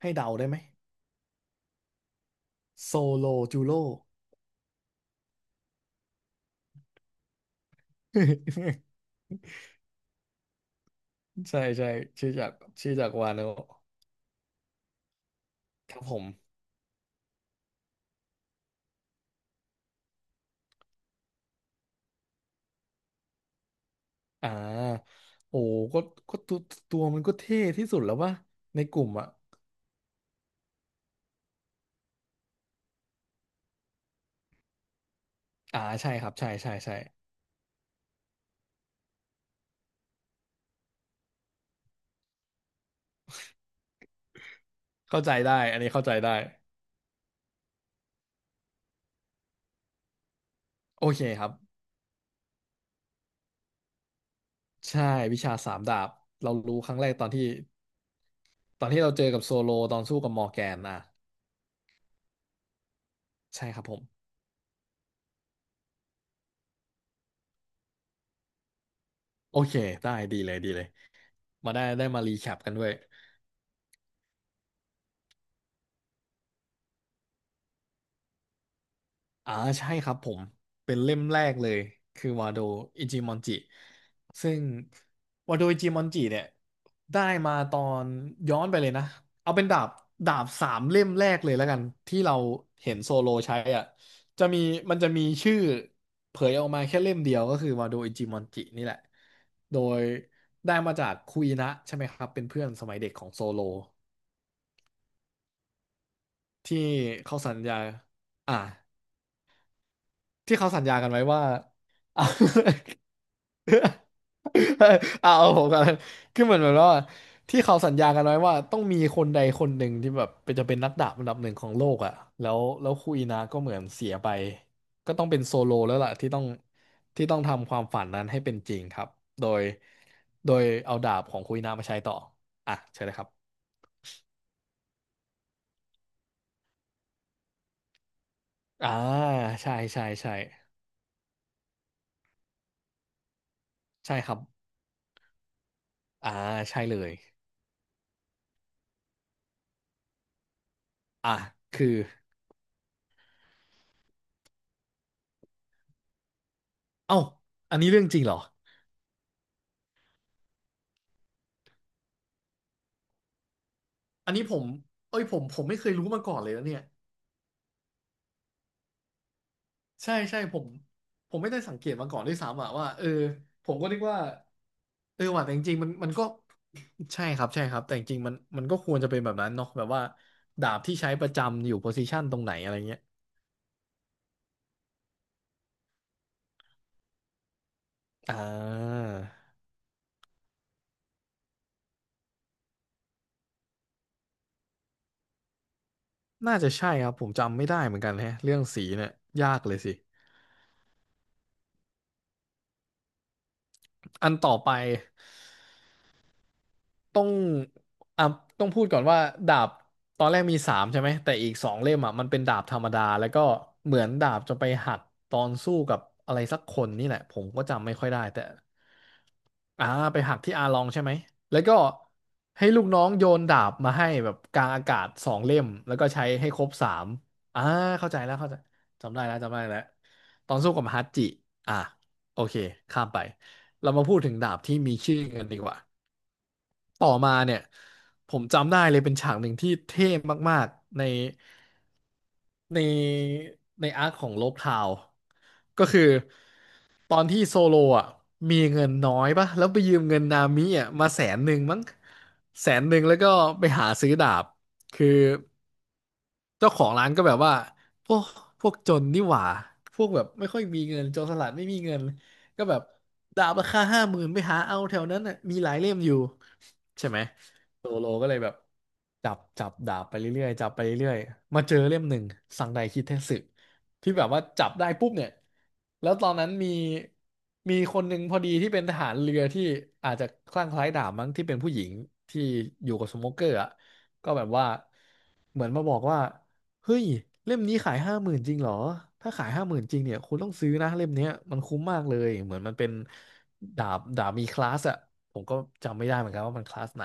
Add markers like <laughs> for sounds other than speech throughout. ให้เดาได้ไหมโซโลจูโร่ <laughs> ใช่ชื่อจากชื่อจากวาโนะครับผมอ่าโอ้ก็ก็ตัวมันก็เท่ที่สุดแล้ววะในกลุ่มอ่ะใช่ครับใช่ใช่ใช่เข้าใจได้อันนี้เข้าใจได้โอเคครับใช่วิชาสามดาบเรารู้ครั้งแรกตอนที่เราเจอกับโซโลตอนสู้กับมอร์แกนอ่ะใช่ครับผมโอเคได้ดีเลยมาได้มารีแคปกันด้วย อ่าใช่ครับผมเป็นเล่มแรกเลยคือวาโดอิจิมอนจิซึ่งวาโดอิจิมอนจิเนี่ยได้มาตอนย้อนไปเลยนะเอาเป็นดาบสามเล่มแรกเลยแล้วกันที่เราเห็นโซโลใช้อ่ะจะมีมันจะมีชื่อเผยออกมาแค่เล่มเดียวก็คือวาโดอิจิมอนจินี่แหละโดยได้มาจากคุยนะใช่ไหมครับเป็นเพื่อนสมัยเด็กของโซโลที่เขาสัญญาอ่าที่เขาสัญญากันไว้ว่า <laughs> <laughs> เอาผมกันคือเหมือนแบบว่าที่เขาสัญญากันไว้ว่าต้องมีคนใดคนหนึ่งที่แบบเป็นจะเป็นนักดาบอันดับหนึ่งของโลกอ่ะแล้วคุยนะก็เหมือนเสียไปก็ต้องเป็นโซโลแล้วล่ะที่ต้องที่ต้องทำความฝันนั้นให้เป็นจริงครับโดยโดยเอาดาบของคุยนามาใช้ต่ออ่ะใช่เลยครับอ่าใช่ใช่ครับอ่าใช่เลยอ่ะคือเอ้าอันนี้เรื่องจริงเหรออันนี้ผมเอ้ยผมไม่เคยรู้มาก่อนเลยนะเนี่ย ใช่ผมผมไม่ได้สังเกตมาก่อนด้วยซ้ำอะว่าเออผมก็นึกว่าเออว่ะแต่จริงๆมันก็ใช่ครับแต่จริงๆมันก็ควรจะเป็นแบบนั้นเนาะแบบว่าดาบที่ใช้ประจำอยู่โพซิชันตรงไหนอะไรเงี้ยอ่าน่าจะใช่ครับผมจำไม่ได้เหมือนกันแฮะเรื่องสีเนี่ยยากเลยสิอันต่อไป ต้องอ่ะต้องพูดก่อนว่าดาบตอนแรกมีสามใช่ไหมแต่อีกสองเล่มอ่ะมันเป็นดาบธรรมดาแล้วก็เหมือนดาบจะไปหักตอนสู้กับอะไรสักคนนี่แหละผมก็จำไม่ค่อยได้แต่อ่าไปหักที่อาลองใช่ไหมแล้วก็ให้ลูกน้องโยนดาบมาให้แบบกลางอากาศสองเล่มแล้วก็ใช้ให้ครบสามอ่าเข้าใจแล้วเข้าใจจำได้แล้วตอนสู้กับฮัตจิอ่าโอเคข้ามไปเรามาพูดถึงดาบที่มีชื่อกันดีกว่า ต่อมาเนี่ยผมจำได้เลยเป็นฉากหนึ่งที่เท่มากๆในในในอาร์คของโลบทาวก็คือตอนที่โซโลอ่ะมีเงินน้อยปะแล้วไปยืมเงินนามิอ่ะมาแสนหนึ่งมั้งแสนหนึ่งแล้วก็ไปหาซื้อดาบคือเจ้าของร้านก็แบบว่าพวกพวกจนนี่หว่าพวกแบบไม่ค่อยมีเงินโจรสลัดไม่มีเงินก็แบบดาบราคาห้าหมื่นไปหาเอาแถวนั้นน่ะมีหลายเล่มอยู่ใช่ไหม โซโลก็เลยแบบจับดาบไปเรื่อยๆจับไปเรื่อยๆมาเจอเล่มหนึ่งสังไดคิเทสึที่แบบว่าจับได้ปุ๊บเนี่ยแล้วตอนนั้นมีมีคนหนึ่งพอดีที่เป็นทหารเรือที่อาจจะคลั่งไคล้ดาบมั้งที่เป็นผู้หญิงที่อยู่กับสโมเกอร์อ่ะก็แบบว่าเหมือนมาบอกว่าเฮ้ยเล่มนี้ขายห้าหมื่นจริงเหรอถ้าขายห้าหมื่นจริงเนี่ยคุณต้องซื้อนะเล่มเนี้ยมันคุ้มมากเลยเหมือนมันเป็นดาบมีคลาสอะผมก็จำไม่ได้เหมือนกันว่ามันคลาสไหน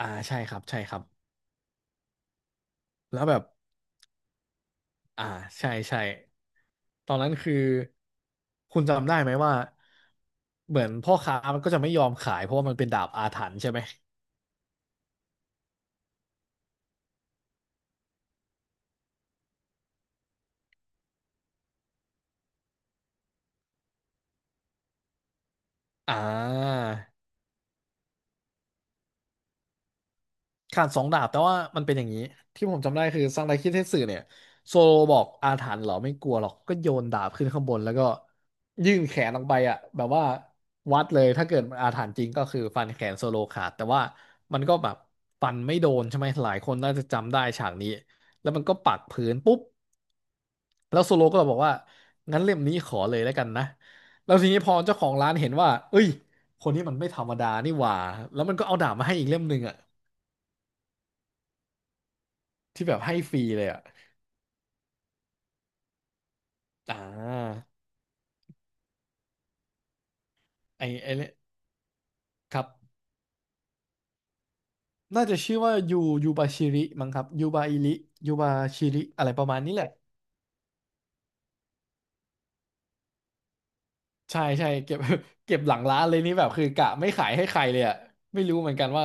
ใช่ครับแล้วแบบอ่าใช่ตอนนั้นคือคุณจำได้ไหมว่าเหมือนพ่อค้ามันก็จะไม่ยอมขายเพราะว่ามันเป็นดาบอาถรรพ์ใช่ไหมอ่า ขาดสองดาบแต่ว่ามันเป็นอย่างนี้ที่ผมจำได้คือซังไดคิดเทสึเนี่ยโซโลบอกอาถรรพ์เหรอไม่กลัวหรอกก็โยนดาบขึ้นข้างบนแล้วก็ยื่นแขนออกไปอ่ะแบบว่าวัดเลยถ้าเกิดมันอาถรรพ์จริงก็คือฟันแขนโซโลขาดแต่ว่ามันก็แบบฟันไม่โดนใช่ไหมหลายคนน่าจะจำได้ฉากนี้แล้วมันก็ปักพื้นปุ๊บแล้วโซโลก็บอกว่างั้นเล่มนี้ขอเลยแล้วกันนะแล้วทีนี้พอเจ้าของร้านเห็นว่าเอ้ยคนนี้มันไม่ธรรมดานี่หว่าแล้วมันก็เอาดาบมาให้อีกเล่มหนึ่งอ่ะ ที่แบบให้ฟรีเลยอ่ะ อ่าไอเนี่ยครับน่าจะชื่อว่ายูบาชิริมั้งครับยูบาอิริยูบาชิริอะไรประมาณนี้แหละ ใช่เก็บ <laughs> เก็บหลังร้านเลยนี่แบบคือกะไม่ขายให้ใครเลยอ่ะ ไม่รู้เหมือนกันว่า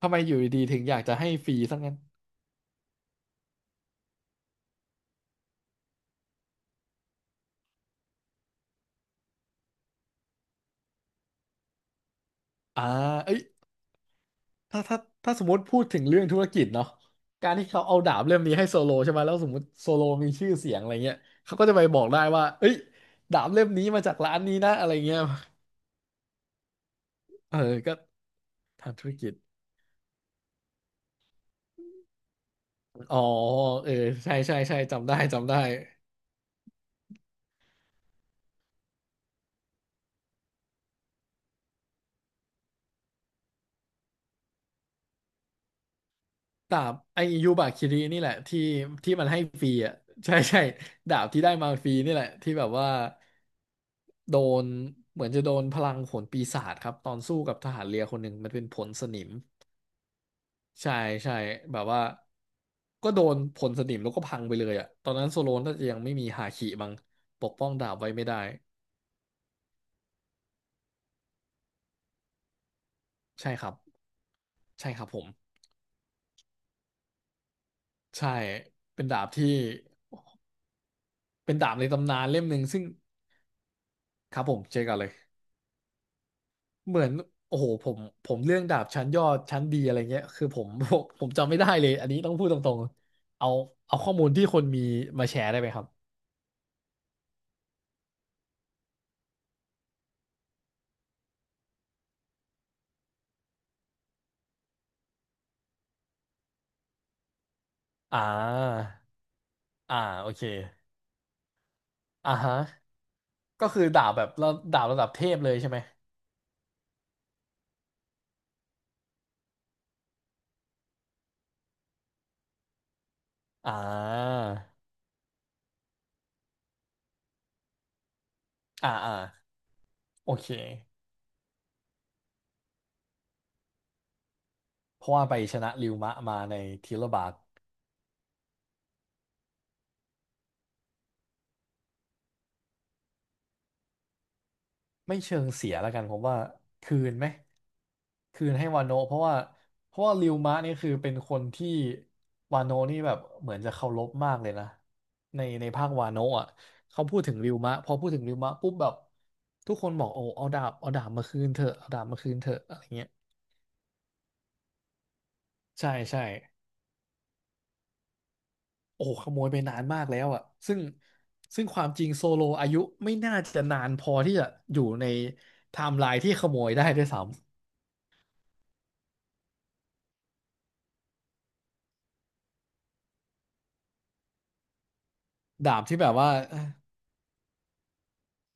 ทำไมอยู่ดีๆถึงอยากจะให้ฟรีซะงั้น อ่าเอ้ยถ้าถ้าถ้าสมมติพูดถึงเรื่องธุรกิจเนาะการที่เขาเอาดาบเล่มนี้ให้โซโลใช่ไหมแล้วสมมติโซโลมีชื่อเสียงอะไรเงี้ยเขาก็จะไปบอกได้ว่าเอ้ยดาบเล่มนี้มาจากร้านนี้นะอะไรเงี้ยเออก็ ทำธุรกิจ อ๋อเออใช่ใช่ใช่จำได้จำได้ดาบไอยูบาคิรินี่แหละที่ที่มันให้ฟรีอ่ะใช่ใช่ดาบที่ได้มาฟรีนี่แหละที่แบบว่าโดนเหมือนจะโดนพลังผลปีศาจครับตอนสู้กับทหารเรือคนหนึ่งมันเป็นผลสนิม ใช่ใช่แบบว่าก็โดนผลสนิมแล้วก็พังไปเลยอ่ะตอนนั้นโซโลนน่าจะยังไม่มีฮาคิมั้งปกป้องดาบไว้ไม่ได้ใช่ครับใช่ครับผมใช่เป็นดาบที่ เป็นดาบในตำนานเล่มหนึ่งซึ่งครับผมเจอกันเลยเหมือนโอ้โหผมเรื่องดาบชั้นยอดชั้นดีอะไรเงี้ยคือผม <laughs> ผมจำไม่ได้เลยอันนี้ต้องพูดตรงๆเอาข้อมูลที่คนมีมาแชร์ได้ไหมครับอ่าอ่าโอเคอ่าฮะก็คือดาบแบบระดาบระดับเทพเลยใช่ไหมอ่าอ่าอ่าโอเคเพราะว่าไปชนะริวมะมาในทีละบาท ไม่เชิงเสียแล้วกันผมว่าคืนไหมคืนให้วาโนะเพราะว่าริวมะนี่คือเป็นคนที่วาโนะนี่แบบเหมือนจะเคารพมากเลยนะในภาควาโนะอ่ะเขาพูดถึงริวมะพอพูดถึงริวมะปุ๊บแบบทุกคนบอกโอ้เอาดาบเอาดาบมาคืนเถอะเอาดาบมาคืนเถอะอะไรเงี้ยใช่ใช่โอ้ขโมยไปนานมากแล้วอ่ะซึ่งซึ่งความจริงโซโลอายุไม่น่าจะนานพอที่จะอยู่ในไทม์ไลน์ที่ขโมยได้ด้วยซ้ำดาบที่แบบว่า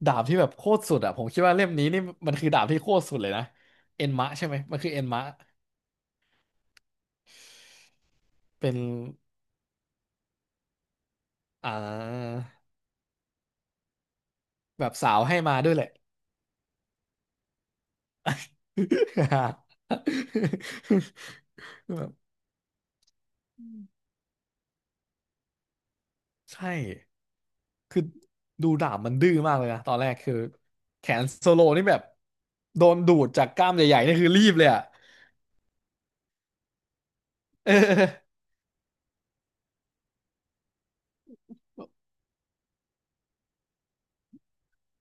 ดาบที่แบบโคตรสุดอ่ะผมคิดว่าเล่มนี้นี่มันคือดาบที่โคตรสุดเลยนะเอ็นมะใช่ไหมมันคือเอ็นมะเป็นอ่าแบบสาวให้มาด้วยแหละ <laughs> แบบใช่คือดูดาบมันดื้อมากเลยนะตอนแรกคือแขนโซโลนี่แบบโดนดูดจากกล้ามใหญ่ๆนี่คือรีบเลยอ่ะเออ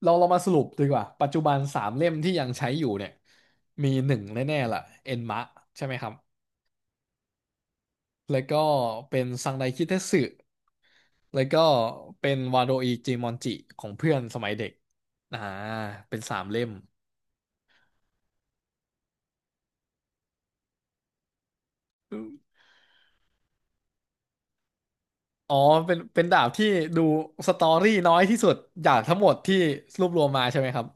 เรามาสรุปดีกว่าปัจจุบันสามเล่มที่ยังใช้อยู่เนี่ยมีหนึ่งแน่ๆล่ะเอ็นมะใช่ไหมครับ แล้วก็เป็นซังไดคิเทสึแล้วก็เป็นวาโดอิจิมอนจิของเพื่อนสมัยเด็ก อ่าเป็นสามเล่ม อ๋อเป็นดาบที่ดูสตอรี่น้อยที่สุดจากทั้งหมดที่รวบรวมมาใช่ไหมครับ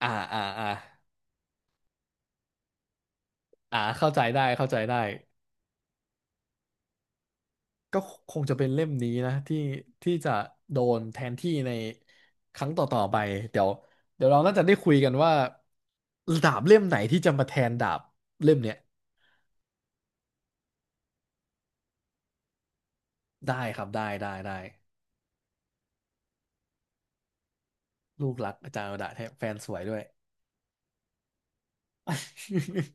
อ่าอ่าอ่าอ่าเข้าใจได้เข้าใจได้ ก็คงจะเป็นเล่มนี้นะที่ที่จะโดนแทนที่ในครั้งต่อๆไป เดี๋ยว เดี๋ยวเราน่าจะได้คุยกันว่าดาบเล่มไหนที่จะมาแทนดาบเล่มเนี้ย ได้ครับได้ได้ได้ลูกรักอาจารย์อดาแท้แฟนสวยด้วย <laughs>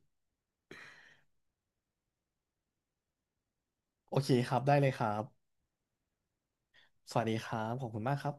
โอเคครับได้เลยครับสวัสดีครับขอบคุณมากครับ